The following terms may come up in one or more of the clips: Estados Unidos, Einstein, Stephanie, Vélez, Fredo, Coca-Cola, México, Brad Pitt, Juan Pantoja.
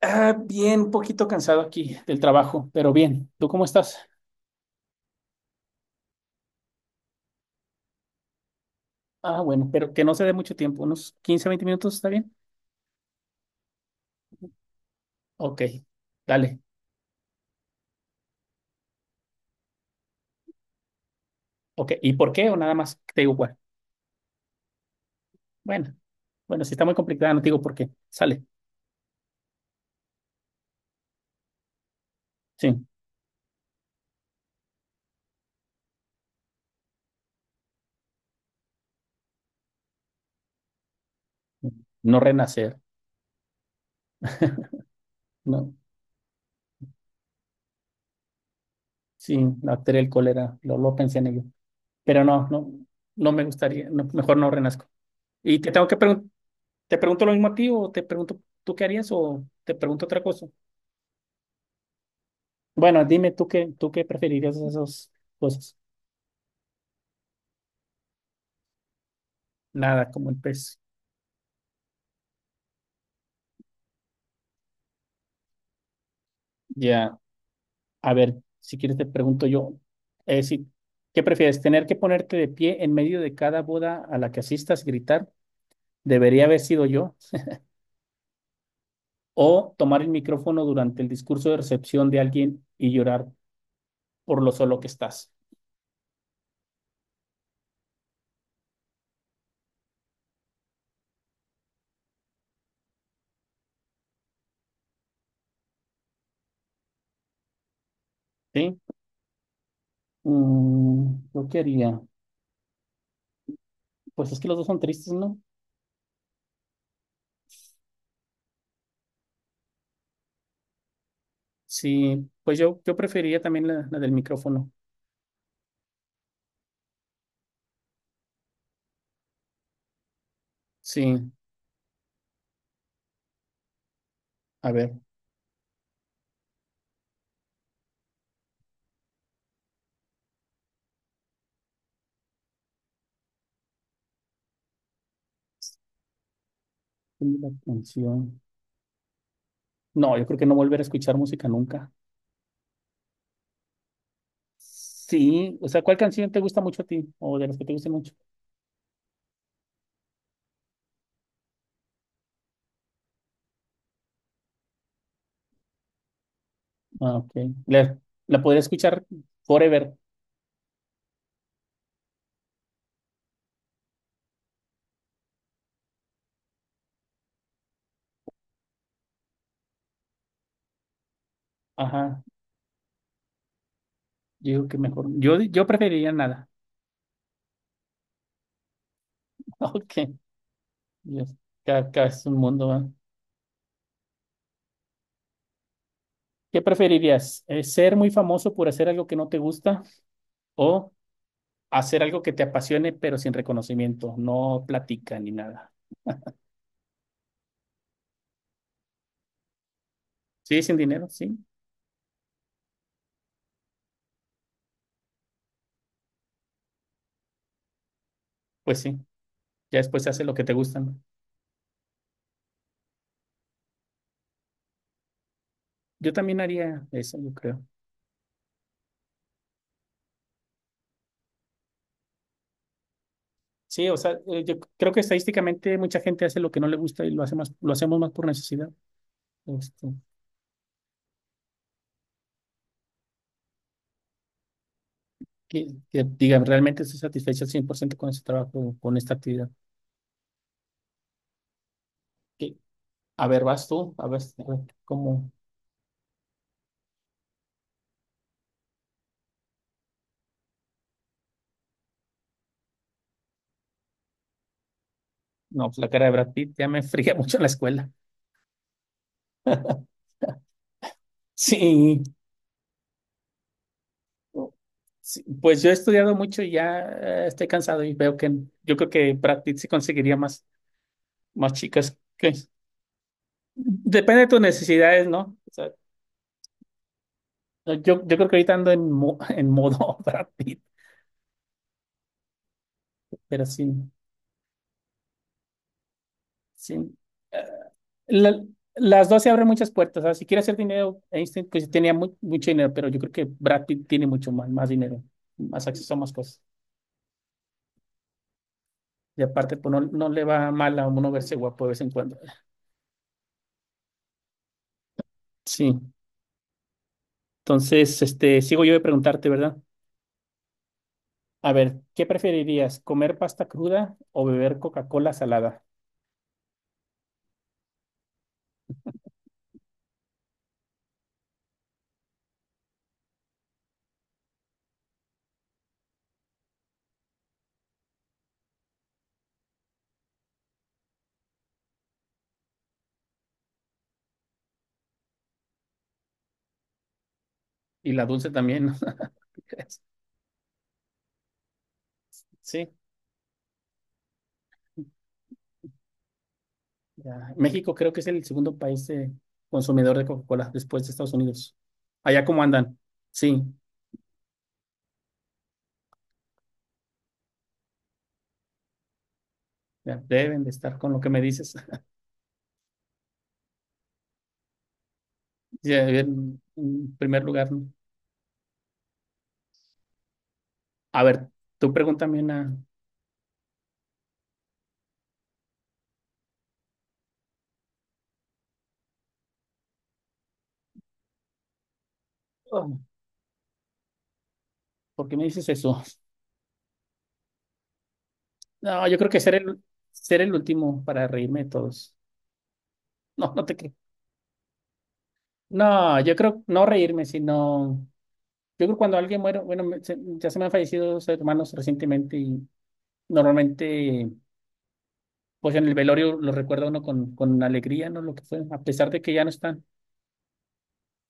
Ah, bien, un poquito cansado aquí del trabajo, pero bien. ¿Tú cómo estás? Ah, bueno, pero que no se dé mucho tiempo, unos 15 20 minutos, ¿está bien? Ok, dale. Ok, ¿y por qué? O nada más te digo, bueno, bueno, bueno, si está muy complicada, no te digo por qué. Sale, sí, no renacer, no, sí, la bacteria del cólera, lo pensé en ello, pero no, no, no me gustaría, no, mejor no renazco. ¿Y te tengo que preguntar, te pregunto lo mismo a ti o te pregunto tú qué harías o te pregunto otra cosa? Bueno, dime tú qué preferirías de esas cosas. Nada, como el pez. Ya, a ver, si quieres te pregunto yo, eh, si- ¿qué prefieres? ¿Tener que ponerte de pie en medio de cada boda a la que asistas, gritar, debería haber sido yo? ¿O tomar el micrófono durante el discurso de recepción de alguien y llorar por lo solo que estás? ¿Sí? Mm, ¿yo qué haría? Pues es que los dos son tristes, ¿no? Sí, pues yo preferiría también la del micrófono. Sí, a ver, ponme la canción. No, yo creo que no volver a escuchar música nunca. Sí, o sea, ¿cuál canción te gusta mucho a ti? O de las que te gusten mucho. Ah, ok. La, la podría escuchar forever. Ajá. Yo digo que mejor. Yo preferiría nada. Ok. Dios. Cada es un mundo, ¿va? ¿Qué preferirías? ¿Ser muy famoso por hacer algo que no te gusta o hacer algo que te apasione pero sin reconocimiento? No platica ni nada. ¿Sí? ¿Sin dinero? Sí. Pues sí. Ya después haces lo que te gusta, ¿no? Yo también haría eso, yo creo. Sí, o sea, yo creo que estadísticamente mucha gente hace lo que no le gusta y lo hace más, lo hacemos más por necesidad. Este, que, que digan, realmente estoy satisfecho al 100% con ese trabajo, con esta actividad. Que, a ver, vas tú, a ver, cómo. No, pues la cara de Brad Pitt ya me fría mucho en la escuela. Sí, sí, pues yo he estudiado mucho y ya estoy cansado y veo que yo creo que Brad Pitt sí conseguiría más, más chicas. Depende de tus necesidades, ¿no? O sea, no, yo creo que ahorita ando en modo Brad Pitt, pero sin, eh, la- las dos se abren muchas puertas. ¿Sabes? Si quiere hacer dinero, Einstein pues tenía mucho dinero, pero yo creo que Brad Pitt tiene mucho más, más dinero, más acceso a más cosas. Y aparte, pues no, no le va mal a uno verse guapo de vez en cuando. Sí. Entonces, este, sigo yo de preguntarte, ¿verdad? A ver, ¿qué preferirías? ¿Comer pasta cruda o beber Coca-Cola salada? Y la dulce también. ¿no? Sí, ya. México creo que es el segundo país consumidor de Coca-Cola después de Estados Unidos. Allá cómo andan. Sí, ya, deben de estar con lo que me dices. Ya, en primer lugar, ¿no? A ver, tú pregúntame una. Oh, ¿por qué me dices eso? No, yo creo que ser el último para reírme de todos. No, no te creo. No, yo creo no reírme, sino. Yo creo cuando alguien muere, bueno, ya se me han fallecido dos hermanos recientemente y normalmente. Pues en el velorio lo recuerda uno con alegría, ¿no? Lo que fue, a pesar de que ya no están,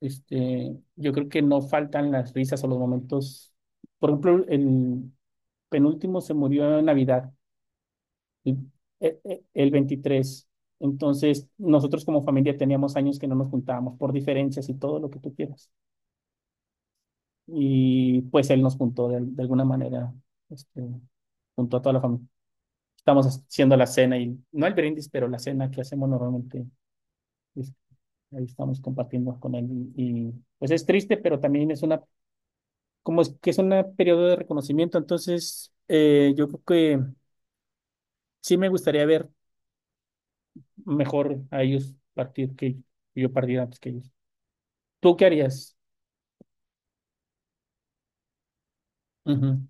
este, yo creo que no faltan las risas o los momentos. Por ejemplo, el penúltimo se murió en Navidad, el, el 23. Entonces, nosotros como familia teníamos años que no nos juntábamos por diferencias y todo lo que tú quieras. Y pues él nos juntó de alguna manera, este, juntó a toda la familia. Estamos haciendo la cena y no el brindis, pero la cena que hacemos normalmente este, ahí estamos compartiendo con él y, pues es triste, pero también como es que es un periodo de reconocimiento, entonces yo creo que sí me gustaría ver mejor a ellos partir que yo partiera antes que ellos. ¿Tú qué harías? Ujú.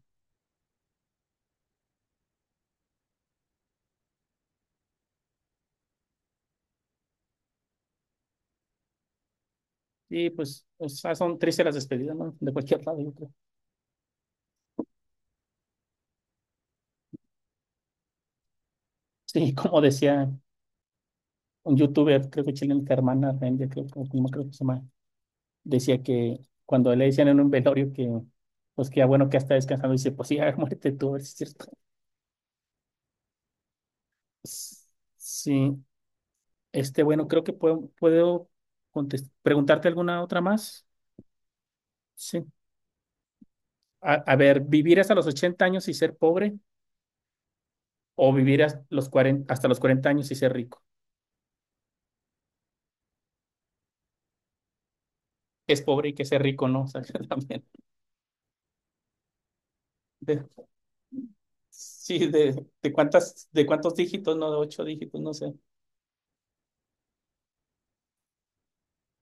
Y pues, o sea, son tristes las despedidas, ¿no? De cualquier lado, yo creo. Sí, como decía un youtuber, creo que chileno, que hermana Rendia, creo, como creo que se llama, decía que cuando le decían en un velorio que, pues que ya bueno que ya está descansando, dice, pues sí, a ver, muérete tú, a ver si es cierto. S- Sí, este, bueno, creo que puedo preguntarte alguna otra más. Sí. A ver, ¿vivir hasta los 80 años y ser pobre o vivir hasta los 40 hasta los 40 años y ser rico? Que es pobre y que ser rico, ¿no? O sea, también. de- sí, de cuántas, de cuántos dígitos, no, de ocho dígitos, no sé.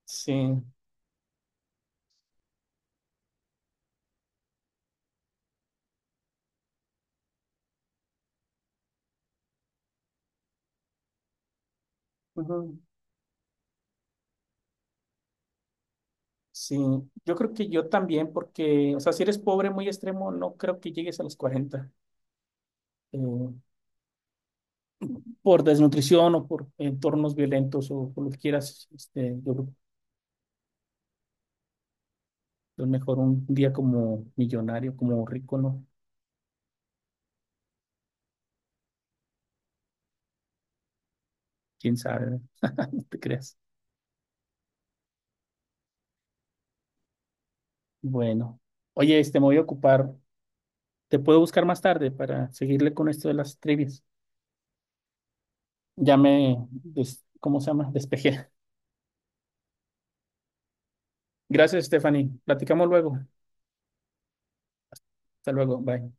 Sí. Ujú. Sí, yo creo que yo también, porque, o sea, si eres pobre muy extremo, no creo que llegues a los 40. Eh, por desnutrición o por entornos violentos o por lo que quieras, este, yo creo que es mejor un día como millonario, como rico, ¿no? Quién sabe, no te creas. Bueno, oye, me voy a ocupar. Te puedo buscar más tarde para seguirle con esto de las trivias. Ya me, ¿cómo se llama? Despejé. Gracias, Stephanie. Platicamos luego. Hasta luego. Bye.